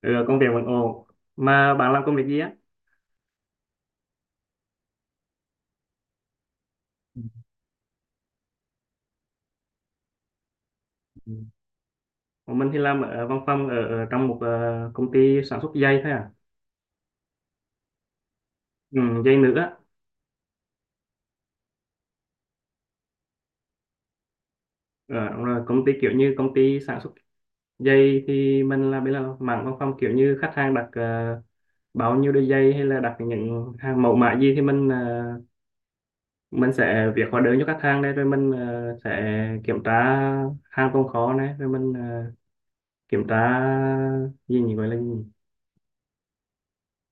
Ừ, công việc vẫn ổn. Mà bạn làm công việc gì á? Ừ. Còn mình thì làm ở văn phòng ở trong một công ty sản xuất dây thôi à. Ừ, dây nữ á. Ờ, đúng rồi, công ty kiểu như công ty sản xuất dây thì mình làm bên là mảng văn phòng, kiểu như khách hàng đặt bao nhiêu đôi dây hay là đặt những hàng mẫu mã gì thì mình sẽ việc hóa đơn cho khách hàng đây, rồi mình sẽ kiểm tra hàng tồn kho này, rồi mình kiểm tra gì nhỉ, gọi là gì nhỉ?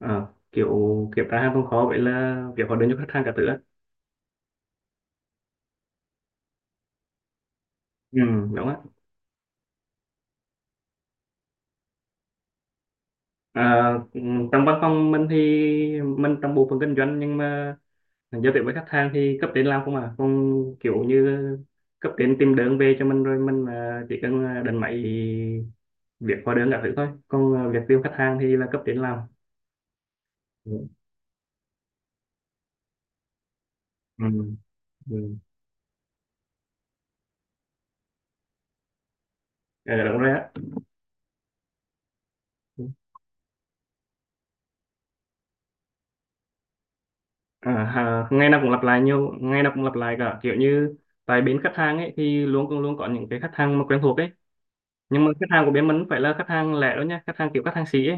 À kiểu, kiểu ra hàng không khó, vậy là việc hóa đơn cho khách hàng cả thứ á. Ừ, đúng á. Ừ, trong văn phòng mình thì mình trong bộ phận kinh doanh, nhưng mà giao tiếp với khách hàng thì cấp trên làm không à, không, kiểu như cấp trên tìm đơn về cho mình rồi mình chỉ cần đánh máy việc hóa đơn cả thứ thôi, còn việc tiêu khách hàng thì là cấp trên làm. Ừ, ừ, ừ. Ờ, đúng rồi á. À, à, ngày nào cũng lặp lại nhiều, ngày nào cũng lặp lại cả, kiểu như tại bên khách hàng ấy thì luôn cũng luôn có những cái khách hàng mà quen thuộc ấy. Nhưng mà khách hàng của bên mình không phải là khách hàng lẻ đâu nha, khách hàng kiểu khách hàng xỉ ấy,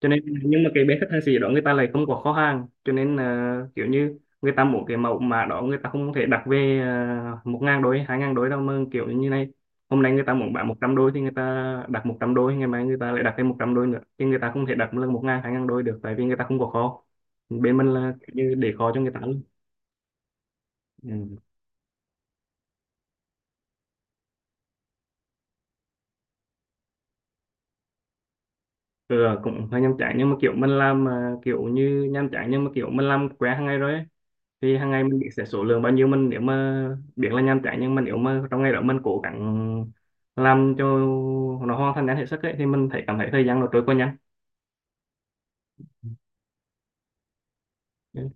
cho nên nhưng mà cái bên khách hàng xỉ đó người ta lại không có kho hàng, cho nên là kiểu như người ta muốn cái mẫu mã đó người ta không thể đặt về 1.000 đôi 2.000 đôi đâu, mà kiểu như này, hôm nay người ta muốn bán 100 đôi thì người ta đặt 100 đôi, ngày mai người ta lại đặt thêm 100 đôi nữa, thì người ta không thể đặt lần 1.000 2.000 đôi được, tại vì người ta không có kho. Bên mình là kiểu như để kho cho người ta luôn. Ừ. Ừ, cũng hơi nhàm chán, nhưng mà kiểu mình làm kiểu như nhàm chán nhưng mà kiểu mình làm quen hàng ngày rồi ấy. Thì hàng ngày mình biết sẽ số lượng bao nhiêu, mình nếu mà biết là nhàm chán, nhưng mà nếu mà trong ngày đó mình cố gắng làm cho nó hoàn thành nhanh hết sức ấy, thì mình thấy cảm thấy thời gian nó trôi qua nhanh. Ừ.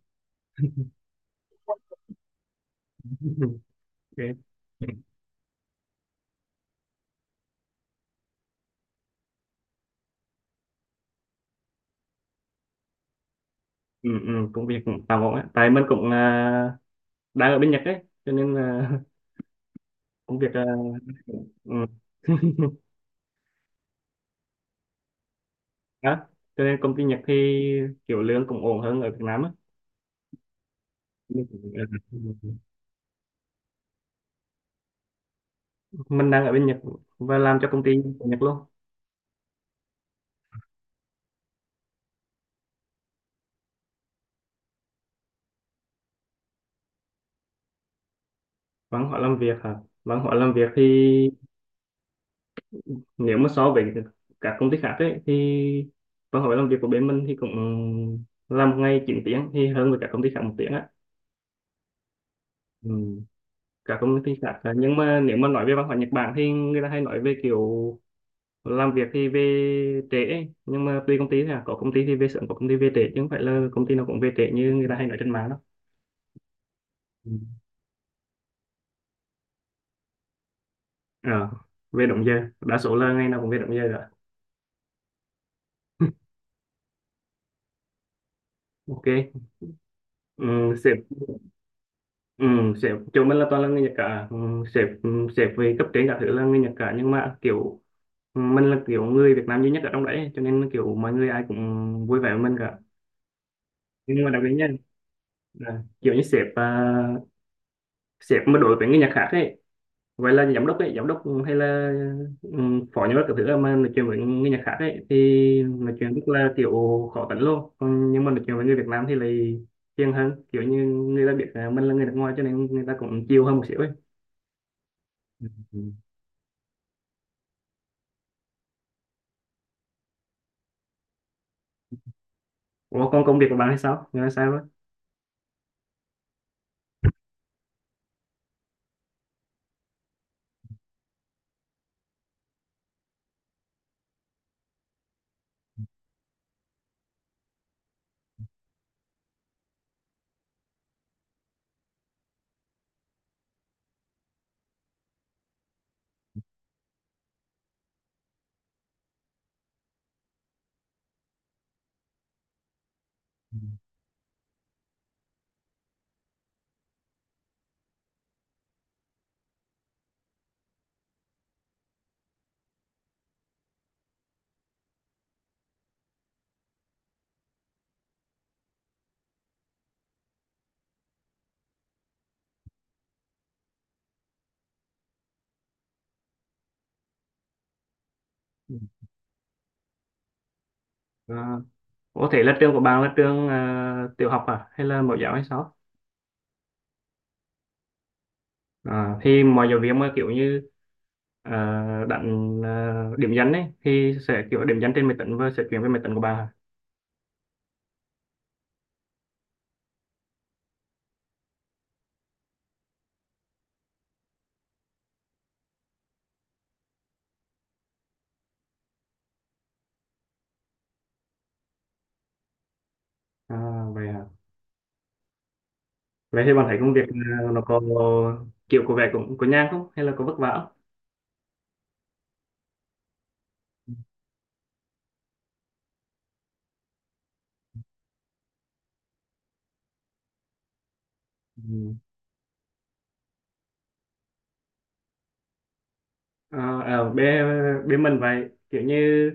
Ok. Ừ, ừ, công việc cũng tạm ổn ấy. Tại mình cũng đang ở bên Nhật ấy cho nên à, công việc à, ừ. Đó, cho nên công ty Nhật thì kiểu lương cũng ổn hơn ở Việt Nam á. Mình cũng- mình đang ở bên Nhật và làm cho công ty của Nhật luôn. Văn hóa làm việc hả? Văn hóa làm việc thì nếu mà so với các công ty khác ấy, thì văn hóa làm việc của bên mình thì cũng làm một ngày 9 tiếng, thì hơn với các công ty khác một tiếng á. Ừ. Các công ty khác à, nhưng mà nếu mà nói về văn hóa Nhật Bản thì người ta hay nói về kiểu làm việc thì về trễ ấy. Nhưng mà tùy công ty thôi à, có công ty thì về sớm, có công ty về trễ, chứ không phải là công ty nào cũng về trễ như người ta hay nói trên mạng đâu. Ừ. Ờ, về đúng giờ, đa số là ngày nào cũng về đúng giờ rồi. Ok. Ừ. Ừ, sếp chỗ mình là toàn là người Nhật cả, ừ, sếp về cấp trên cả thứ là người Nhật cả, nhưng mà kiểu ừ, mình là kiểu người Việt Nam duy nhất ở trong đấy, cho nên kiểu mọi người ai cũng vui vẻ với mình cả. Nhưng mà đặc biệt nha, là kiểu như sếp mà đối với người Nhật khác ấy, vậy là giám đốc ấy, giám đốc hay là ừ, phó giám đốc cả thứ là mà nói chuyện với người Nhật khác ấy thì nói chuyện rất là kiểu khó tính luôn, còn nhưng mà nói chuyện với người Việt Nam thì lại hiền hơn, kiểu như người ta biết mình là người nước ngoài cho nên người ta cũng chill hơn một xíu ấy. Ủa còn công việc của bạn hay sao? Người là sao đó? Ừ. À. Ủa thế là trường của bạn là trường tiểu học à? Hay là mẫu giáo hay sao? À, thì mọi giáo viên mà kiểu như điểm danh ấy thì sẽ kiểu điểm danh trên máy tính và sẽ chuyển về máy tính của bạn à? À, à. Vậy thì bạn thấy công việc à, nó có kiểu của vẻ cũng có nhàn không? Hay là có vất vả không? Ừ. Ờ, ở bên bên mình vậy kiểu như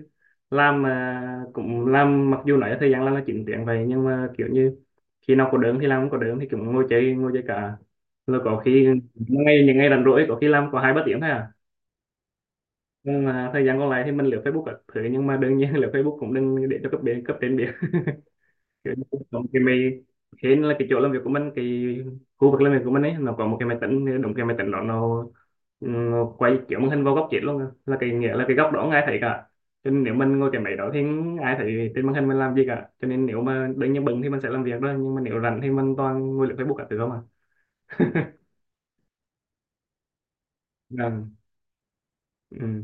làm mà cũng làm, mặc dù nói thời gian làm là 9 tiếng vậy, nhưng mà kiểu như khi nào có đớm thì làm, không có đớm thì cũng ngồi chơi, ngồi chơi cả, rồi có khi ngay ngày những ngày rảnh rỗi có khi làm có 2 3 tiếng thôi à. Nhưng mà thời gian còn lại thì mình lướt Facebook các thứ, nhưng mà đương nhiên lướt Facebook cũng đừng để cho cấp trên biết. Kiểu như có một cái máy, hên là cái chỗ làm việc của mình cái khu vực làm việc của mình ấy nó có một cái máy tính đồng, cái máy tính đó nó quay kiểu màn hình vào góc chết luôn à. Là cái nghĩa là cái góc đó không ai thấy cả, cho nên nếu mình ngồi cái máy đó thì không ai thấy trên màn hình mình làm gì cả, cho nên nếu mà đương nhiên bận thì mình sẽ làm việc đó, nhưng mà nếu rảnh thì mình toàn ngồi lướt Facebook cả thứ không à. Vâng, ừ.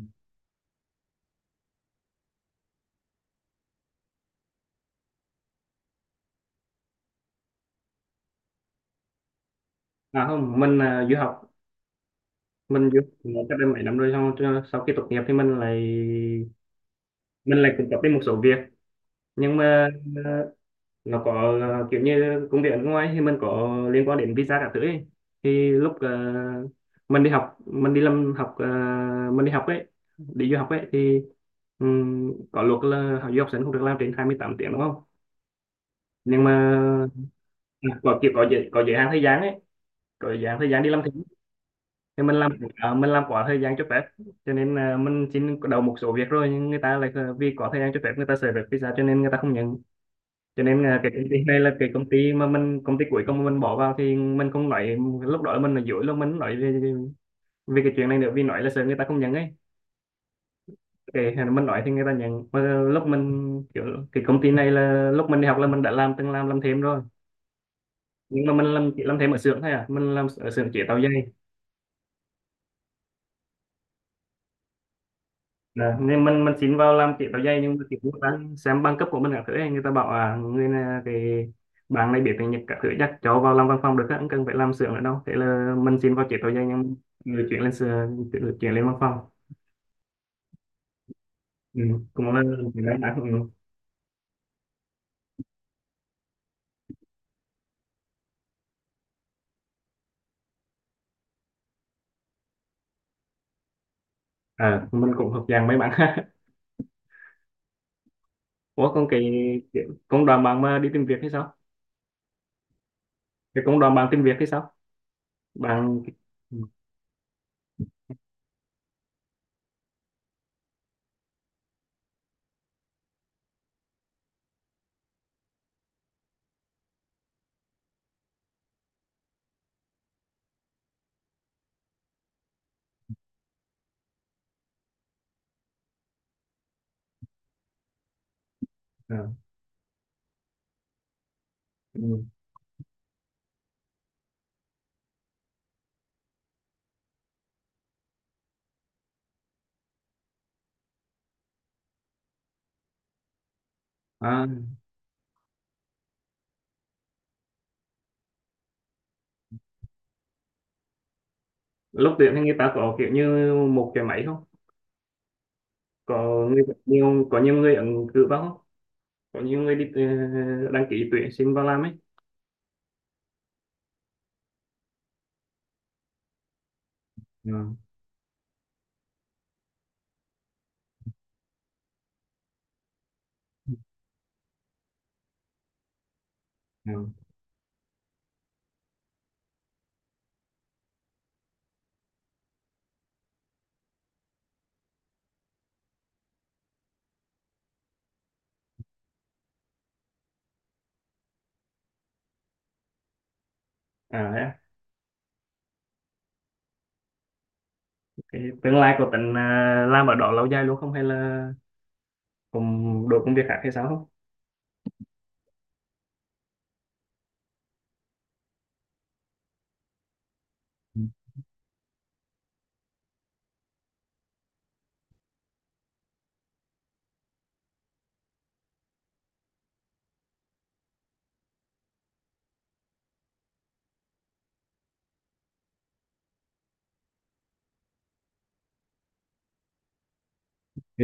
À không, mình là du học, mình du học ở cách đây mấy năm rồi, xong cho- sau khi tốt nghiệp thì mình lại cũng có thêm một số việc, nhưng mà ờ, nó có kiểu như công việc ở nước ngoài thì mình có liên quan đến visa các thứ ấy. Thì lúc mình đi học, mình đi học ấy, đi du học ấy thì có luật là học du học sinh không được làm trên 28 tiếng đúng không? Nhưng mà có kiểu có giới hạn thời gian ấy, có giới hạn thời gian đi làm, thì mình làm quá thời gian cho phép, cho nên mình xin đầu một số việc rồi nhưng người ta lại à, vì có thời gian cho phép người ta sợ phép visa cho nên người ta không nhận, cho nên cái công ty này là cái công ty mà mình công ty cuối cùng mình bỏ vào thì mình không nói lúc đó mình là dối, lúc mình nói về, về cái chuyện này nữa vì nói là sợ người ta không nhận ấy, cái mình nói thì người ta nhận, mà lúc mình kiểu cái công ty này là lúc mình đi học là mình đã làm từng làm thêm rồi, nhưng mà mình làm chỉ làm thêm ở xưởng thôi à, mình làm ở xưởng chế tạo giày. Đấy, nên mình xin vào làm tiếp áo dây, nhưng mà kiểu như đang xem bằng cấp của mình các thứ ấy, người ta bảo à người này cái bạn này biết tiếng Nhật các thứ chắc cháu vào làm văn phòng được á, không cần phải làm xưởng nữa đâu, thế là mình xin vào tiếp áo dây nhưng người chuyển lên xưởng được chuyển lên văn phòng. Ừ, cũng là mấy bạn ừ. À, mình cũng hợp dạng mấy bạn. Ủa còn cái công đoàn bạn mà đi tìm việc hay sao? Cái công đoàn bạn tìm việc hay sao bạn? Ừ. À, ừ. À, lúc tuyển thì người ta có kiểu như một cái máy không, có người nhiều có nhiều người ứng cử vào không, có nhiều người đi đăng ký tuyển sinh vào làm ấy. Ừ. Ừ. À thế à. Cái tương lai của tính à, làm ở đó lâu dài luôn không hay là cùng đổi công việc khác hay sao không? Ừ. Ok.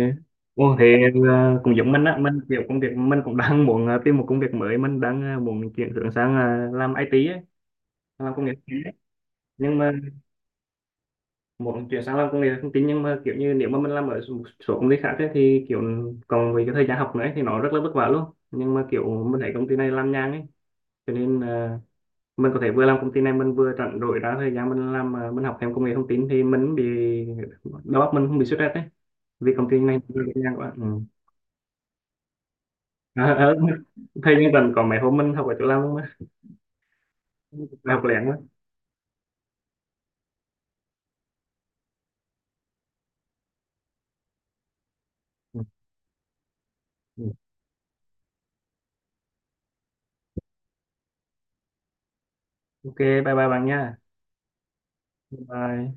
Ồ, thì ờ, cũng giống mình á, mình kiểu công việc mình cũng đang muốn tìm một công việc mới, mình đang muốn chuyển hướng sang làm IT ấy, làm công nghệ thông tin ấy. Nhưng mà một là chuyển sang làm công nghệ thông tin nhưng mà kiểu như nếu mà mình làm ở một số công ty khác ấy, thì kiểu còn về cái thời gian học nữa ấy, thì nó rất là vất vả luôn, nhưng mà kiểu mình thấy công ty này làm nhàn ấy, cho nên mình có thể vừa làm công ty này mình vừa rảnh rỗi ra thời gian mình học thêm công nghệ thông tin thì mình bị đầu óc mình không bị stress đấy, vì công ty này rất là nhàn quá. Ừ. À, à, thời gian rảnh còn mấy hôm mình học ở chỗ làm luôn á, học lén quá. Ừ. Ừ. Ok, bye bye bạn nha. Bye.